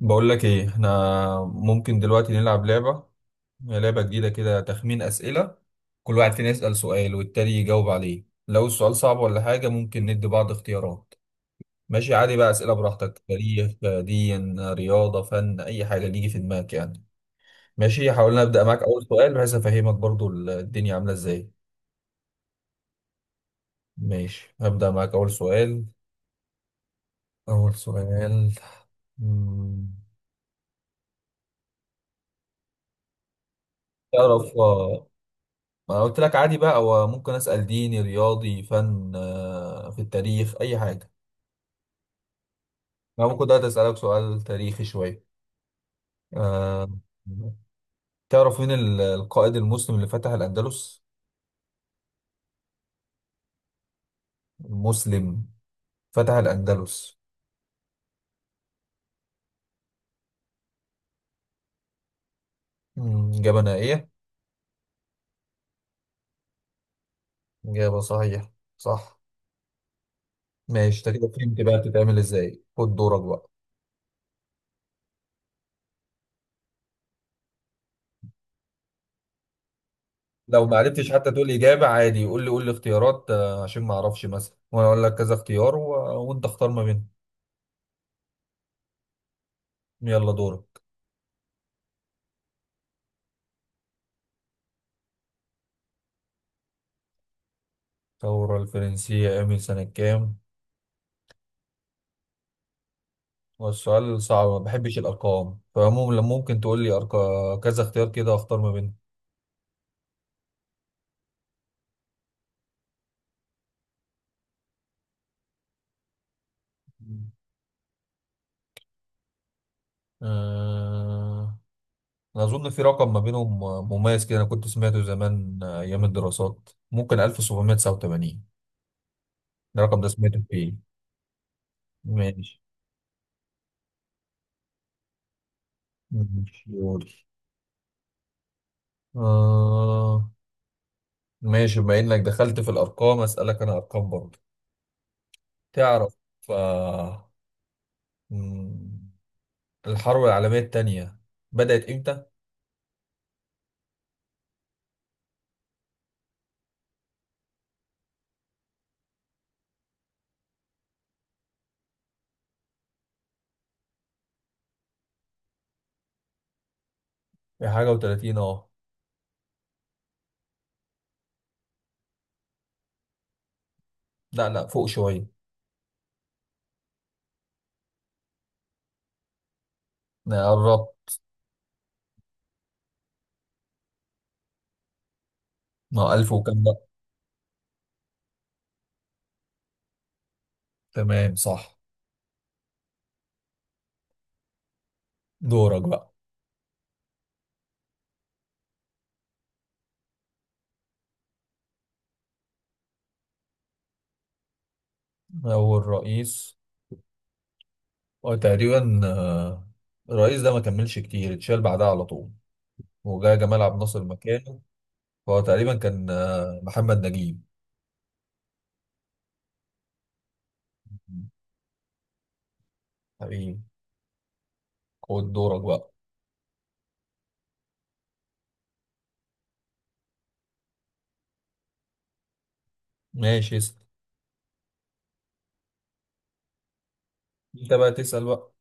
بقول لك ايه؟ احنا ممكن دلوقتي نلعب لعبة، هي لعبة جديدة كده، تخمين أسئلة. كل واحد فينا يسأل سؤال والتاني يجاوب عليه، لو السؤال صعب ولا حاجة ممكن ندي بعض اختيارات. ماشي، عادي بقى، أسئلة براحتك، تاريخ دين رياضة فن أي حاجة اللي يجي في دماغك يعني. ماشي، حاولنا أبدأ معاك أول سؤال بحيث أفهمك برضو الدنيا عاملة إزاي. ماشي، هبدأ معاك أول سؤال. أول سؤال. مم. تعرف؟ ما انا قلت لك عادي بقى، هو ممكن اسال ديني رياضي فن، في التاريخ اي حاجه. انا ممكن دلوقتي اسالك سؤال تاريخي شويه، آه، تعرف مين القائد المسلم اللي فتح الاندلس؟ مسلم، فتح الاندلس. اجابه نهائيه؟ اجابه صحيحه، صح. ماشي، انت كده فهمت بقى بتتعمل ازاي، خد دورك بقى. لو ما عرفتش حتى تقول اجابه عادي، قول لي، قول لي اختيارات، عشان ما اعرفش مثلا، وانا اقول لك كذا اختيار وانت اختار ما بينهم. يلا دورك. الثورة الفرنسية قامت سنة كام؟ والسؤال صعب ما بحبش الأرقام، فعموما لما ممكن تقول لي أرقام كذا اختيار كده أختار ما بينهم. أه... أنا أظن في رقم ما بينهم مميز كده، أنا كنت سمعته زمان، أيام الدراسات، ممكن 1789، ده الرقم ده سمعته فيه. ماشي. ماشي يوري. أه... ماشي، بما إنك دخلت في الأرقام أسألك أنا أرقام برضه. تعرف، أه... مم، الحرب العالمية التانية بدأت إمتى؟ في حاجة وتلاتين، اه. لا لا، فوق شوية. قربت. ما هو ألف وكام بقى؟ تمام، صح. دورك بقى. أول رئيس، هو تقريبا، الرئيس ده ما كملش كتير، اتشال بعدها على طول وجا جمال عبد الناصر مكانه. فهو تقريبا كان، محمد نجيب. حبيبي، خد دورك بقى. ماشي، اسأل. انت بقى تسأل بقى.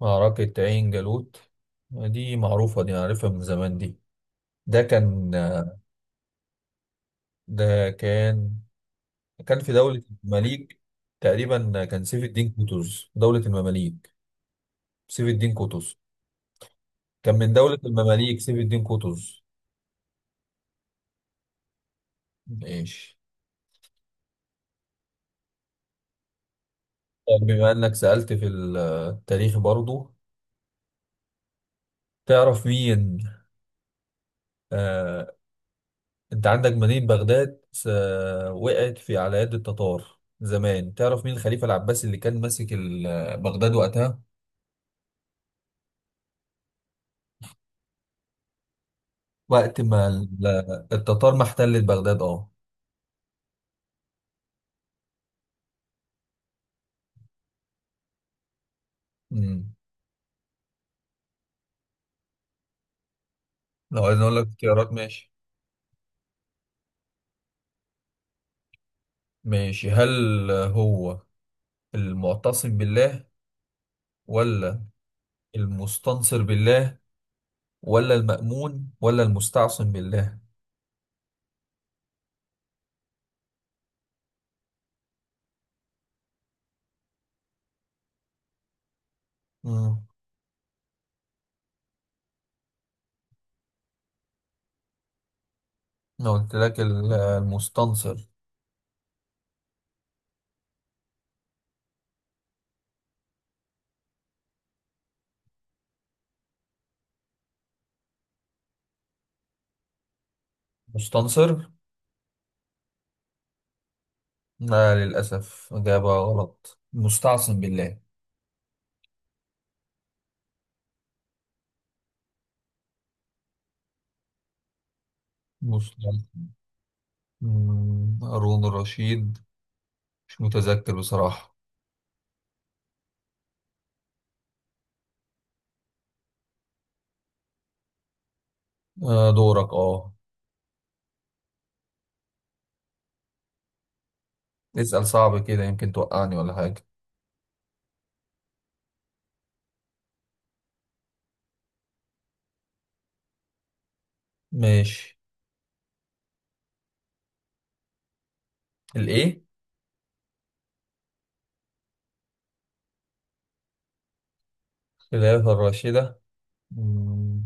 معركة عين جالوت، دي معروفة دي، أنا عارفها من زمان دي. ده كان، ده كان كان في دولة المماليك. تقريبا كان سيف الدين قطز، دولة المماليك. سيف الدين قطز. كان من دولة المماليك، سيف الدين قطز. ماشي. طب بما انك سألت في التاريخ برضو، تعرف مين، آه، انت عندك مدينة بغداد وقعت في على يد التتار زمان، تعرف مين الخليفة العباسي اللي كان ماسك بغداد وقتها؟ وقت ما ال- التتار ما احتلت بغداد، اه. مم. لو عايز اقول لك اختيارات، ماشي. ماشي، هل هو المعتصم بالله، ولا المستنصر بالله، ولا المأمون، ولا المستعصم بالله؟ مم. انا قلت لك المستنصر. مستنصر. لا للأسف، إجابة غلط، مستعصم بالله. مستعصم. هارون الرشيد، مش متذكر بصراحة. دورك، اه. اسأل صعب كده يمكن توقعني ولا حاجة. ماشي. الإيه؟ الخلافة الراشدة. مم.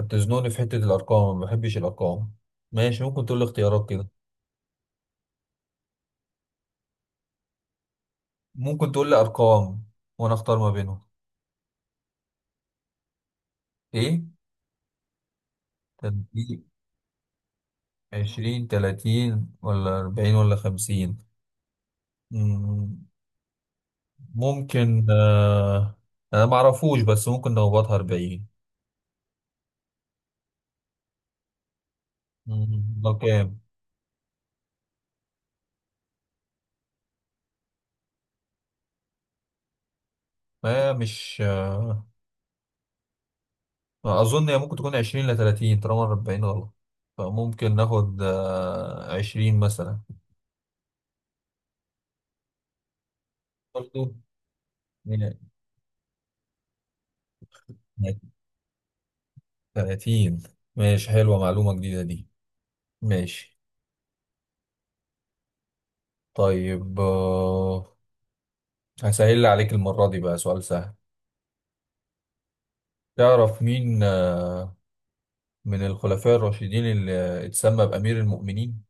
انت بتزنقني في حتة الأرقام، ما بحبش الأرقام. ماشي، ممكن تقول لي اختيارات كده، ممكن تقول لي أرقام وأنا أختار ما بينهم. إيه؟ تلاتين. عشرين تلاتين ولا أربعين ولا خمسين؟ مم، ممكن، أنا معرفوش، بس ممكن نخبطها أربعين. ده كام؟ ما مش، أظن هي ممكن تكون عشرين لتلاتين طالما أربعين غلط، فممكن ناخد، عشرين مثلا. برضو 30. ماشي، حلوة معلومة جديدة دي. ماشي. طيب، هسهل عليك المرة دي بقى، سؤال سهل. تعرف مين، آه، من الخلفاء الراشدين اللي اتسمى بأمير المؤمنين؟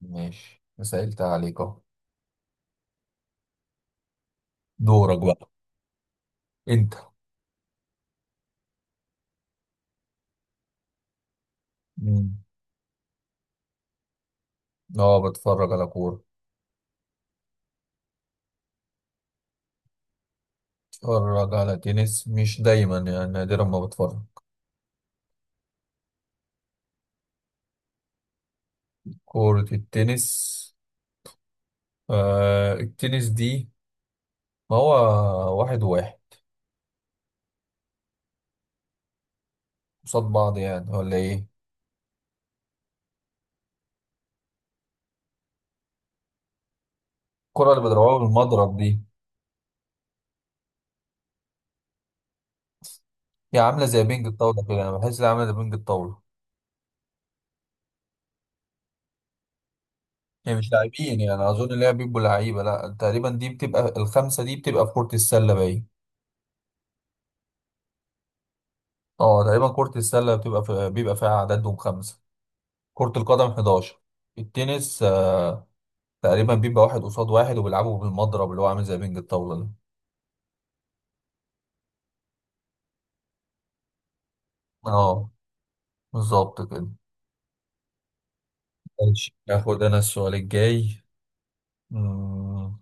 ماشي، سهلت عليك اهو. دورك بقى. انت. مم. اه، بتفرج على كورة. بتفرج على تنس مش دايما، يعني نادرا ما بتفرج. كورة التنس؟ آه التنس دي، ما هو واحد واحد قصاد بعض يعني ولا ايه؟ الكرة اللي بيضربوها بالمضرب دي، هي عاملة زي بينج الطاولة كده، أنا بحس إنها عاملة زي بينج الطاولة. هي مش لاعبين، يعني أنا أظن إن هي بيبقوا لعيبة، لأ تقريبا دي بتبقى، الخمسة دي بتبقى في كرة السلة باين. أه تقريبا كرة السلة بتبقى في، بيبقى فيها عددهم خمسة، كرة القدم 11، التنس آه تقريبا بيبقى واحد قصاد واحد وبيلعبوا بالمضرب اللي هو عامل زي بينج الطاولة ده. أه، بالظبط كده. ماشي، آخد أنا السؤال الجاي. مم.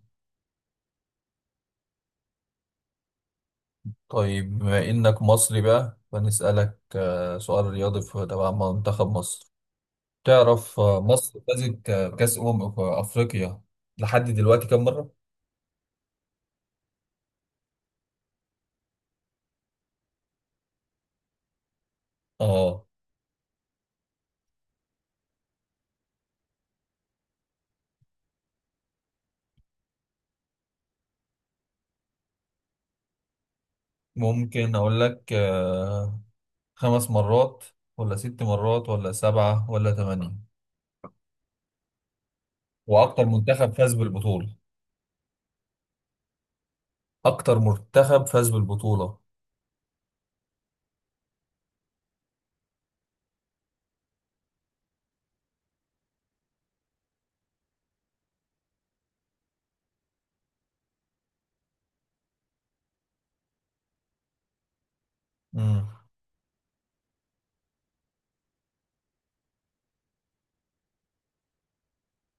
طيب بما إنك مصري بقى فنسألك، سؤال رياضي في تبع منتخب مصر. تعرف، مصر فازت، بكأس أمم في أفريقيا لحد دلوقتي كم مرة؟ آه. ممكن أقول لك، خمس مرات ولا ست مرات ولا سبعة ولا ثمانية. وأكتر منتخب فاز بالبطولة. أكتر منتخب فاز بالبطولة. مم.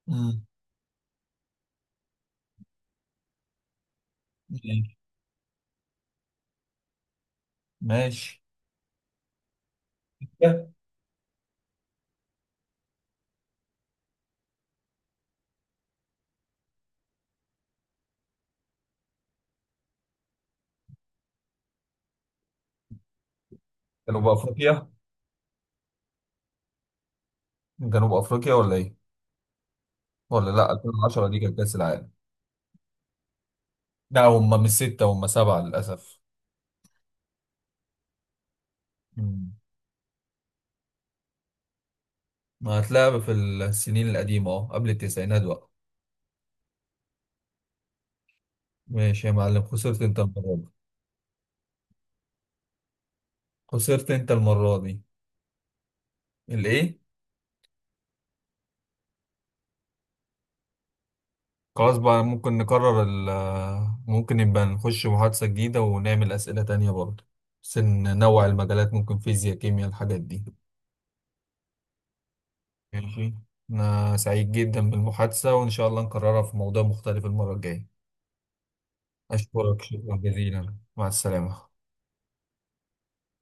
مم. ماشي. ماشي. جنوب أفريقيا. جنوب أفريقيا ولا إيه؟ ولا لأ 2010 دي كانت كأس العالم. لا هم مش ستة، هم سبعة للأسف. مم. ما هتلاعب في السنين القديمة أهو، قبل التسعينات بقى. ماشي يا معلم، خسرت أنت المرة دي. خسرت أنت المرة دي. الإيه؟ خلاص بقى، ممكن نكرر ال، ممكن نبقى نخش محادثة جديدة ونعمل أسئلة تانية برضه، بس ننوع المجالات، ممكن فيزياء كيمياء الحاجات دي. ماشي. أنا سعيد جدا بالمحادثة وإن شاء الله نكررها في موضوع مختلف المرة الجاية. أشكرك شكرا جزيلا، مع السلامة.